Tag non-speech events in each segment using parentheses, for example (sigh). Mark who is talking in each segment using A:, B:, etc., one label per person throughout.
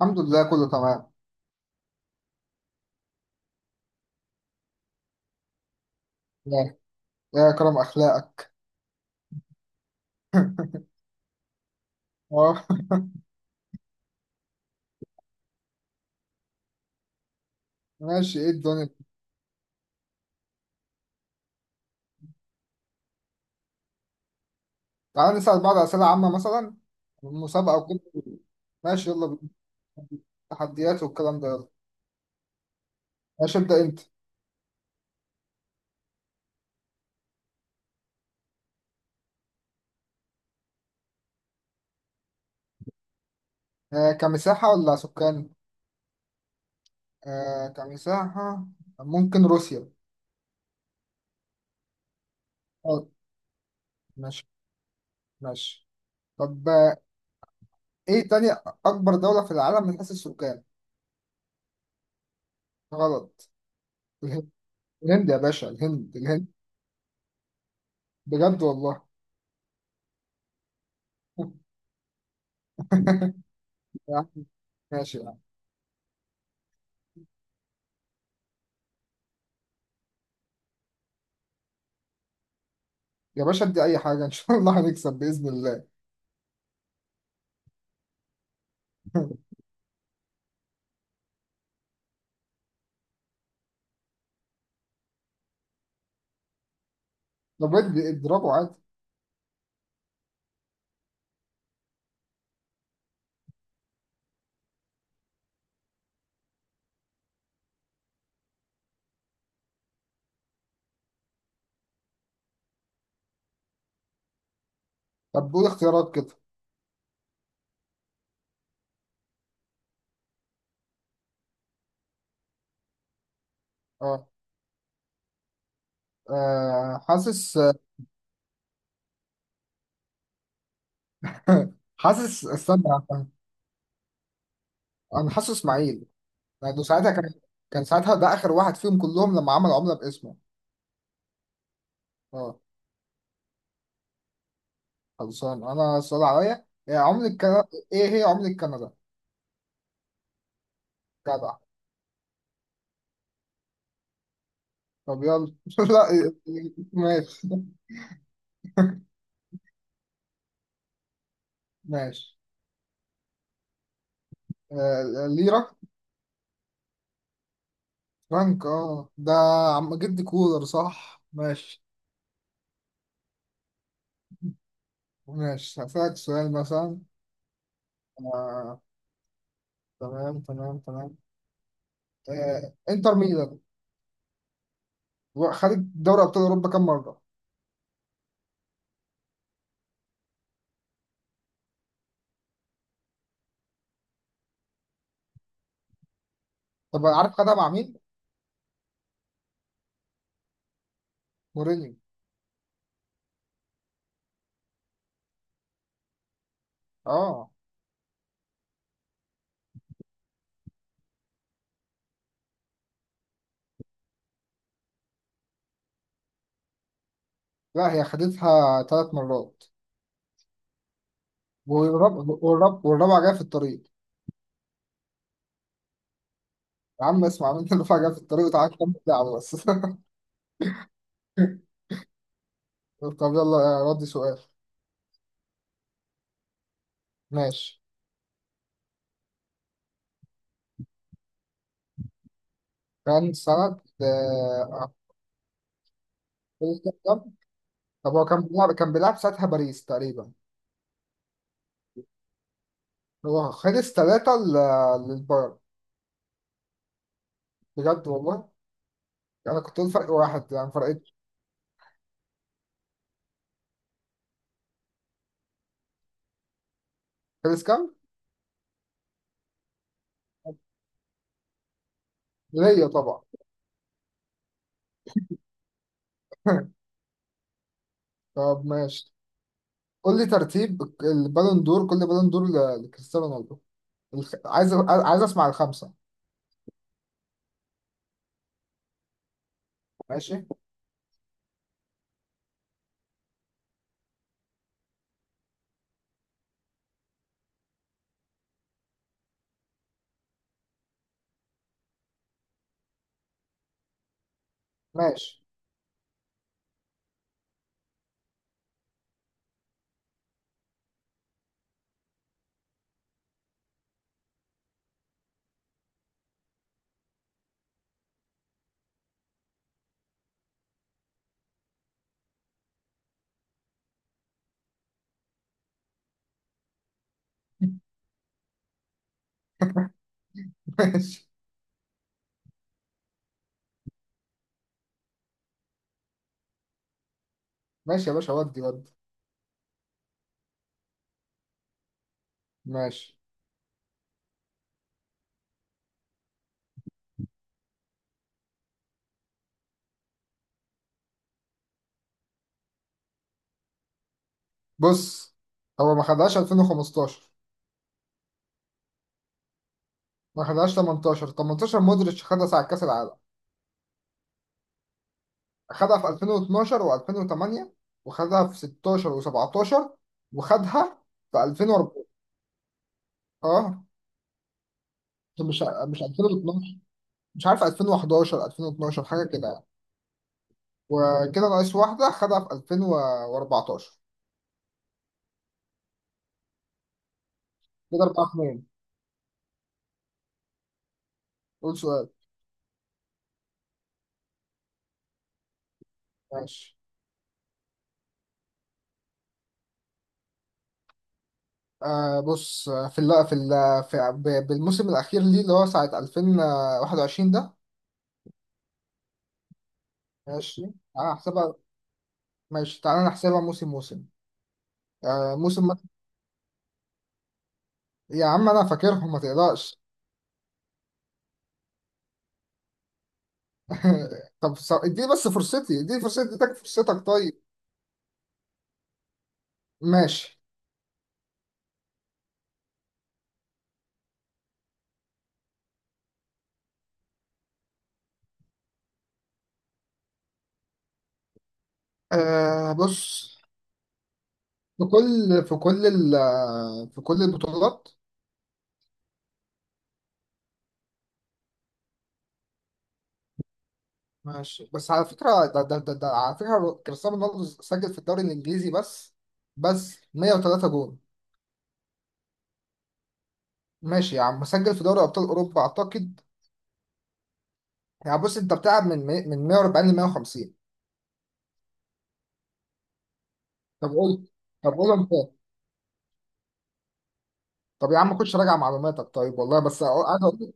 A: الحمد لله كله تمام. يا يا كرم اخلاقك. (laughs) اه. ماشي، ايه الدنيا؟ تعال نسأل بعض اسئله عامه، مثلا مسابقه وكده. ماشي، يلا بينا. تحديات والكلام ده، يلا. ماشي، ابدا انت. آه، كمساحه ولا سكان؟ آه كمساحه. ممكن روسيا. اه. ماشي ماشي. طب، ايه تاني اكبر دوله في العالم من حيث السكان؟ غلط. الهند. الهند يا باشا، الهند. بجد والله؟ (laughs) يا عم، ماشي. يا باشا ادي اي حاجه، ان شاء الله هنكسب باذن الله. (laughs) طب ادي اضربه عادي. طب قول اختيارات كده. اه. آه، حاسس. (laughs) حاسس استنى. انا حاسس اسماعيل، لانه ساعتها كان كان ساعتها ده اخر واحد فيهم كلهم، لما عمل عمله باسمه. اه. خلصان انا. السؤال عليا: إيه عملة كندا؟ ايه هي عملة كندا؟ جدع. طب يلا (laughs) لا. ماشي ماشي. ليرة. فرانك، اه ده عم جد كولر، صح؟ ماشي. ماشي، هسألك سؤال مثلا. آه. تمام تمام تمام. انتر ميلان خدت دوري ابطال اوروبا كام مره؟ طب عارف خدها مع مين؟ مورينيو. اه. لا، هي خدتها ثلاث مرات. والرابعه جايه في الطريق. يا عم اسمع انت (laughs) الرابعه جايه في الطريق، وتعالى كمل لعب بس. (laughs) طب يلا ردي سؤال. ماشي. كان سنة كام؟ طب هو كان بيلعب ساعتها باريس تقريبا. هو خلص ثلاثة للبايرن. بجد والله؟ انا كنت قلت فرق واحد، يعني فرقت. خلص كام؟ ليا طبعا. (laughs) طب ماشي. قول لي ترتيب البالون دور، كل بالون دور لكريستيانو رونالدو. عايز اسمع الخمسه. ماشي ماشي. (laughs) ماشي ماشي. يا باشا ودي. ماشي، بص هو ما خدهاش 2015، ما خدهاش 18. 18 مودريتش خدها ساعة كأس العالم. خدها في 2012 و2008، وخدها في 16 و17، وخدها في 2004. اه. مش 2012، مش عارف 2011 2012، حاجه كده يعني. وكده ناقص واحده، خدها في 2014. كده 4 2. قول سؤال. ماشي. آه بص، في ال في ال في ب- بالموسم الاخير ليه، اللي هو ساعه 2021 ده. ماشي، تعالى نحسبها. ماشي، تعالى نحسبها موسم موسم. موسم يا عم انا فاكرهم، ما تقلقش. (laughs) طب اديني بس فرصتي، اديني فرصتي اديك فرصتك، طيب. ماشي. آه بص، في كل في كل ال في كل البطولات. ماشي، بس على فكرة ده على فكرة، كريستيانو رونالدو سجل في الدوري الإنجليزي بس، 103 جول. ماشي يا عم، مسجل في دوري أبطال أوروبا أعتقد. يعني بص، أنت بتلعب من من 140 ل 150. طب قول طب قول أنت. طب يا عم خش راجع معلوماتك طيب، والله بس عايز أقول لك.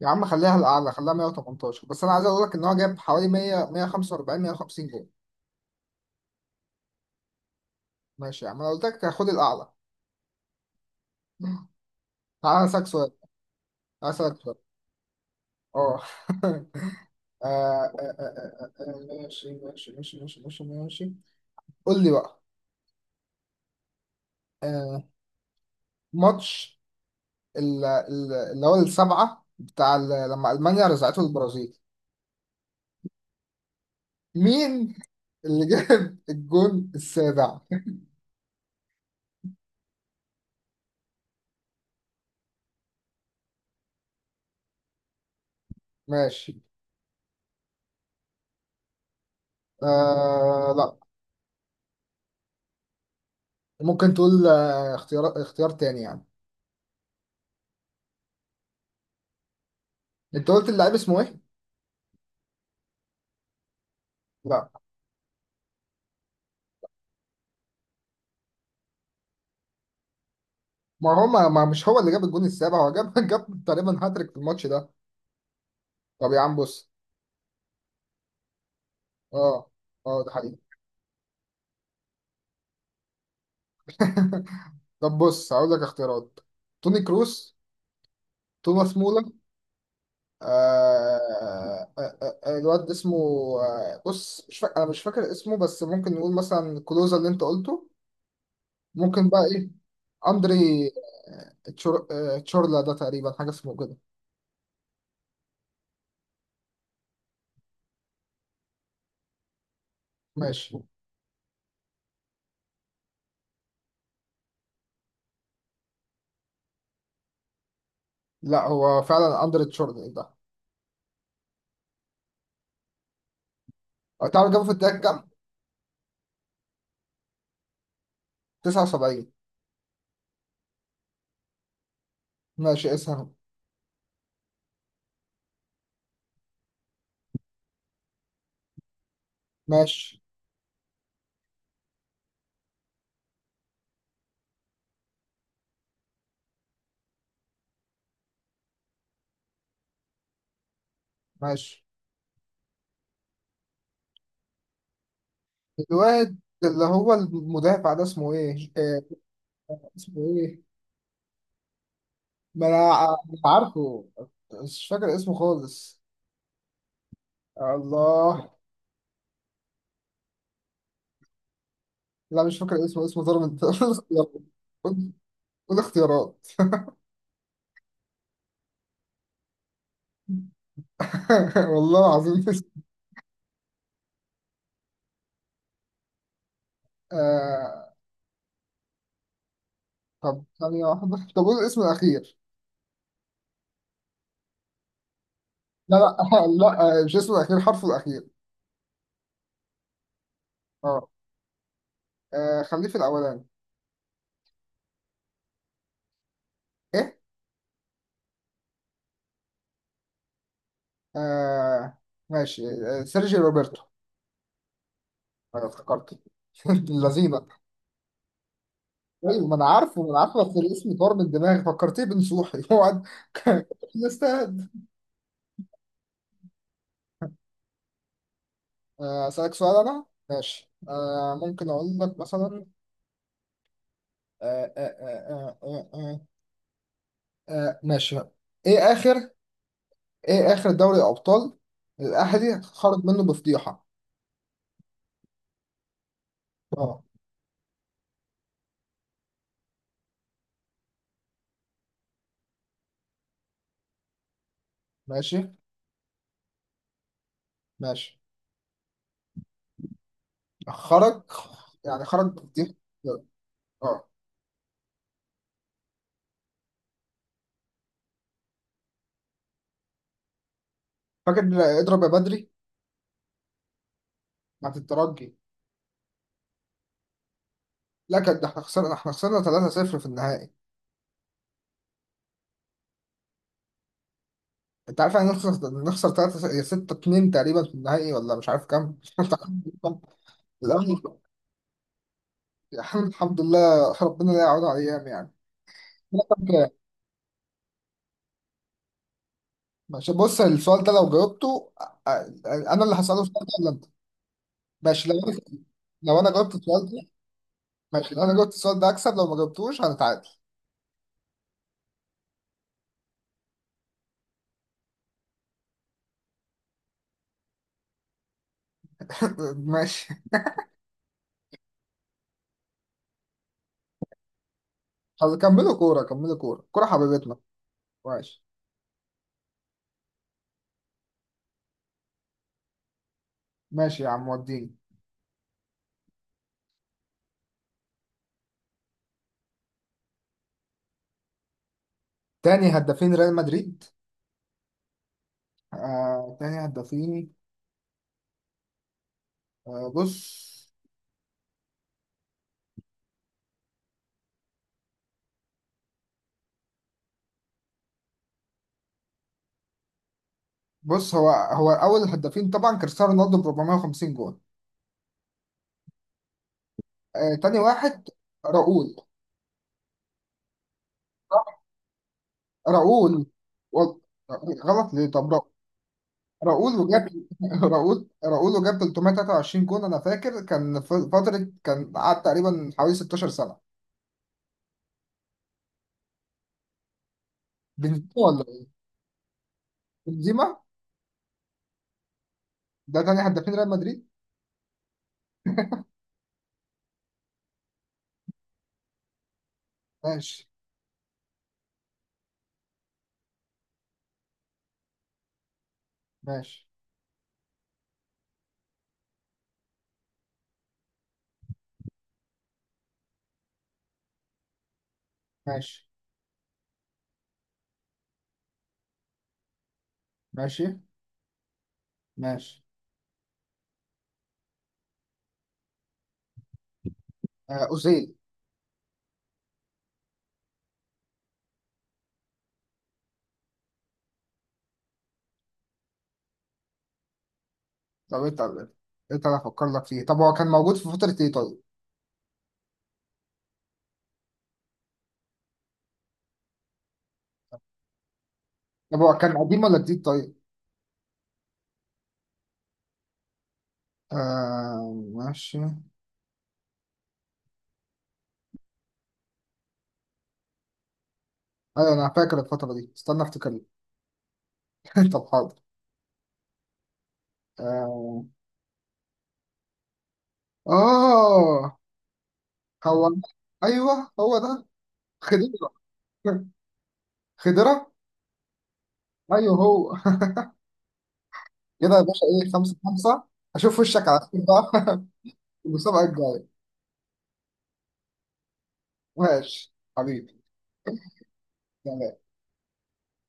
A: يا عم خليها الأعلى، خليها 118، بس أنا عايز أقول لك إن هو جاب حوالي 100 145 150 جول. ماشي يا عم، أنا قلت لك خد الأعلى. (laughs) تعالى أسألك سؤال. تعالى أسألك سؤال أه. (laughs) ماشي ماشي ماشي ماشي ماشي ماشي. قول لي بقى. آه ماتش اللي هو السبعة، بتاع لما ألمانيا رزعته البرازيل، مين اللي (laughs) جاب الجون السابع؟ ماشي. لا. ممكن تقول اختيار تاني يعني؟ انت قلت اللاعب اسمه ايه؟ لا. ما هو ما, ما مش هو اللي جاب الجون السابع، هو جاب (laughs) جاب تقريبا هاتريك في الماتش ده. طب يا عم بص. اه اه. ده حقيقي. (laughs) طب بص، هقول لك اختيارات. توني كروس. توماس مولا. آه الواد اسمه بص، مش فاكر، انا مش فاكر اسمه، بس ممكن نقول مثلا كلوزا اللي انت قلته. ممكن بقى ايه. اندري، تشورلا ده، تقريبا حاجه اسمه كده. ماشي، لا هو فعلا اندري تشورلا، إيه ده. تعرف جابه في الدقيقه كام؟ 79. ماشي، اسهم. ماشي ماشي. الواد اللي هو المدافع ده اسمه ايه، اسمه ايه؟ ما انا مش عارفه. مش فاكر اسمه خالص. الله. لا مش فاكر اسمه، اسمه ظلمت. قول. اختيارات. (laughs) قول. قول اختيارات. (laughs) والله العظيم مش. آه... طب ثانية واحدة. طب قول الاسم الأخير. لا لا (laughs) لا، مش اسمه الأخير، حرفه الأخير. اه. خليه في الأولاني. إيه؟ آه... ماشي، سيرجي روبرتو. أنا افتكرته. (laughs) اللذينة. أيوة، ما أنا عارفه، بس الاسم طار من دماغي، فكرتيه بنصوحي. (laughs) (laughs) يستاهل. أسألك سؤال أنا، ماشي، ممكن أقول لك مثلا، آه، آه، آه، آه، آه، آه، ماشي. إيه آخر إيه آخر دوري أبطال الأهلي خرج منه بفضيحة؟ أه. ماشي ماشي. خرج، يعني خرج بفضيحة. أه. فاكر، اضرب يا بدري. بتاعت الترجي. لا كان ده، احنا خسرنا، 3-0 في النهائي. انت عارف يعني إيه نخسر، 3 6 2 تقريبا في النهائي، ولا مش عارف كام (laughs) انت عارف. كام؟ الاهلي. يعني الحمد لله، ربنا لا يعود على الايام يعني. لا، طب كده. ماشي، بص السؤال ده لو جاوبته انا اللي هسأله السؤال ده ولا انت؟ ماشي لو انا، جاوبت السؤال ده. ماشي، لو انا جاوبت السؤال ده اكسب، لو ما جاوبتوش هنتعادل. (laughs) ماشي. طب كملوا كورة، كورة حبيبتنا. ماشي ماشي. يا عم، وديني. تاني هدافين ريال مدريد؟ تاني هدافين. آه بص. بص هو اول هدافين طبعا كريستيانو رونالدو ب 450 جول. آه تاني واحد، راؤول. راؤول و- غلط ليه؟ طب راؤول وجاب (laughs) راؤول وجاب 323 جون. انا فاكر كان فترة، كان قعد تقريبا حوالي 16 سنة. بنزيما ولا إيه؟ بنزيما. ده تاني هدافين ريال مدريد. ماشي ماشي ماشي ماشي ماشي. أوزيل. طب انت، انا افكر لك فيه. طب هو كان موجود في فترة ايه طيب؟ طب هو كان قديم ولا جديد طيب؟ ماشي. ايوه انا فاكر الفترة دي، استنى افتكر لك. (laughs) طب حاضر. آه آه هو، أيوه ده. خضيرة. (laughs) خضيرة. أيوه هو. (laughs) كده يا باشا، إيه، خمسة خمسة. أشوف وشك على خير بقى. (laughs) في المسابقة الجاية. ماشي حبيبي.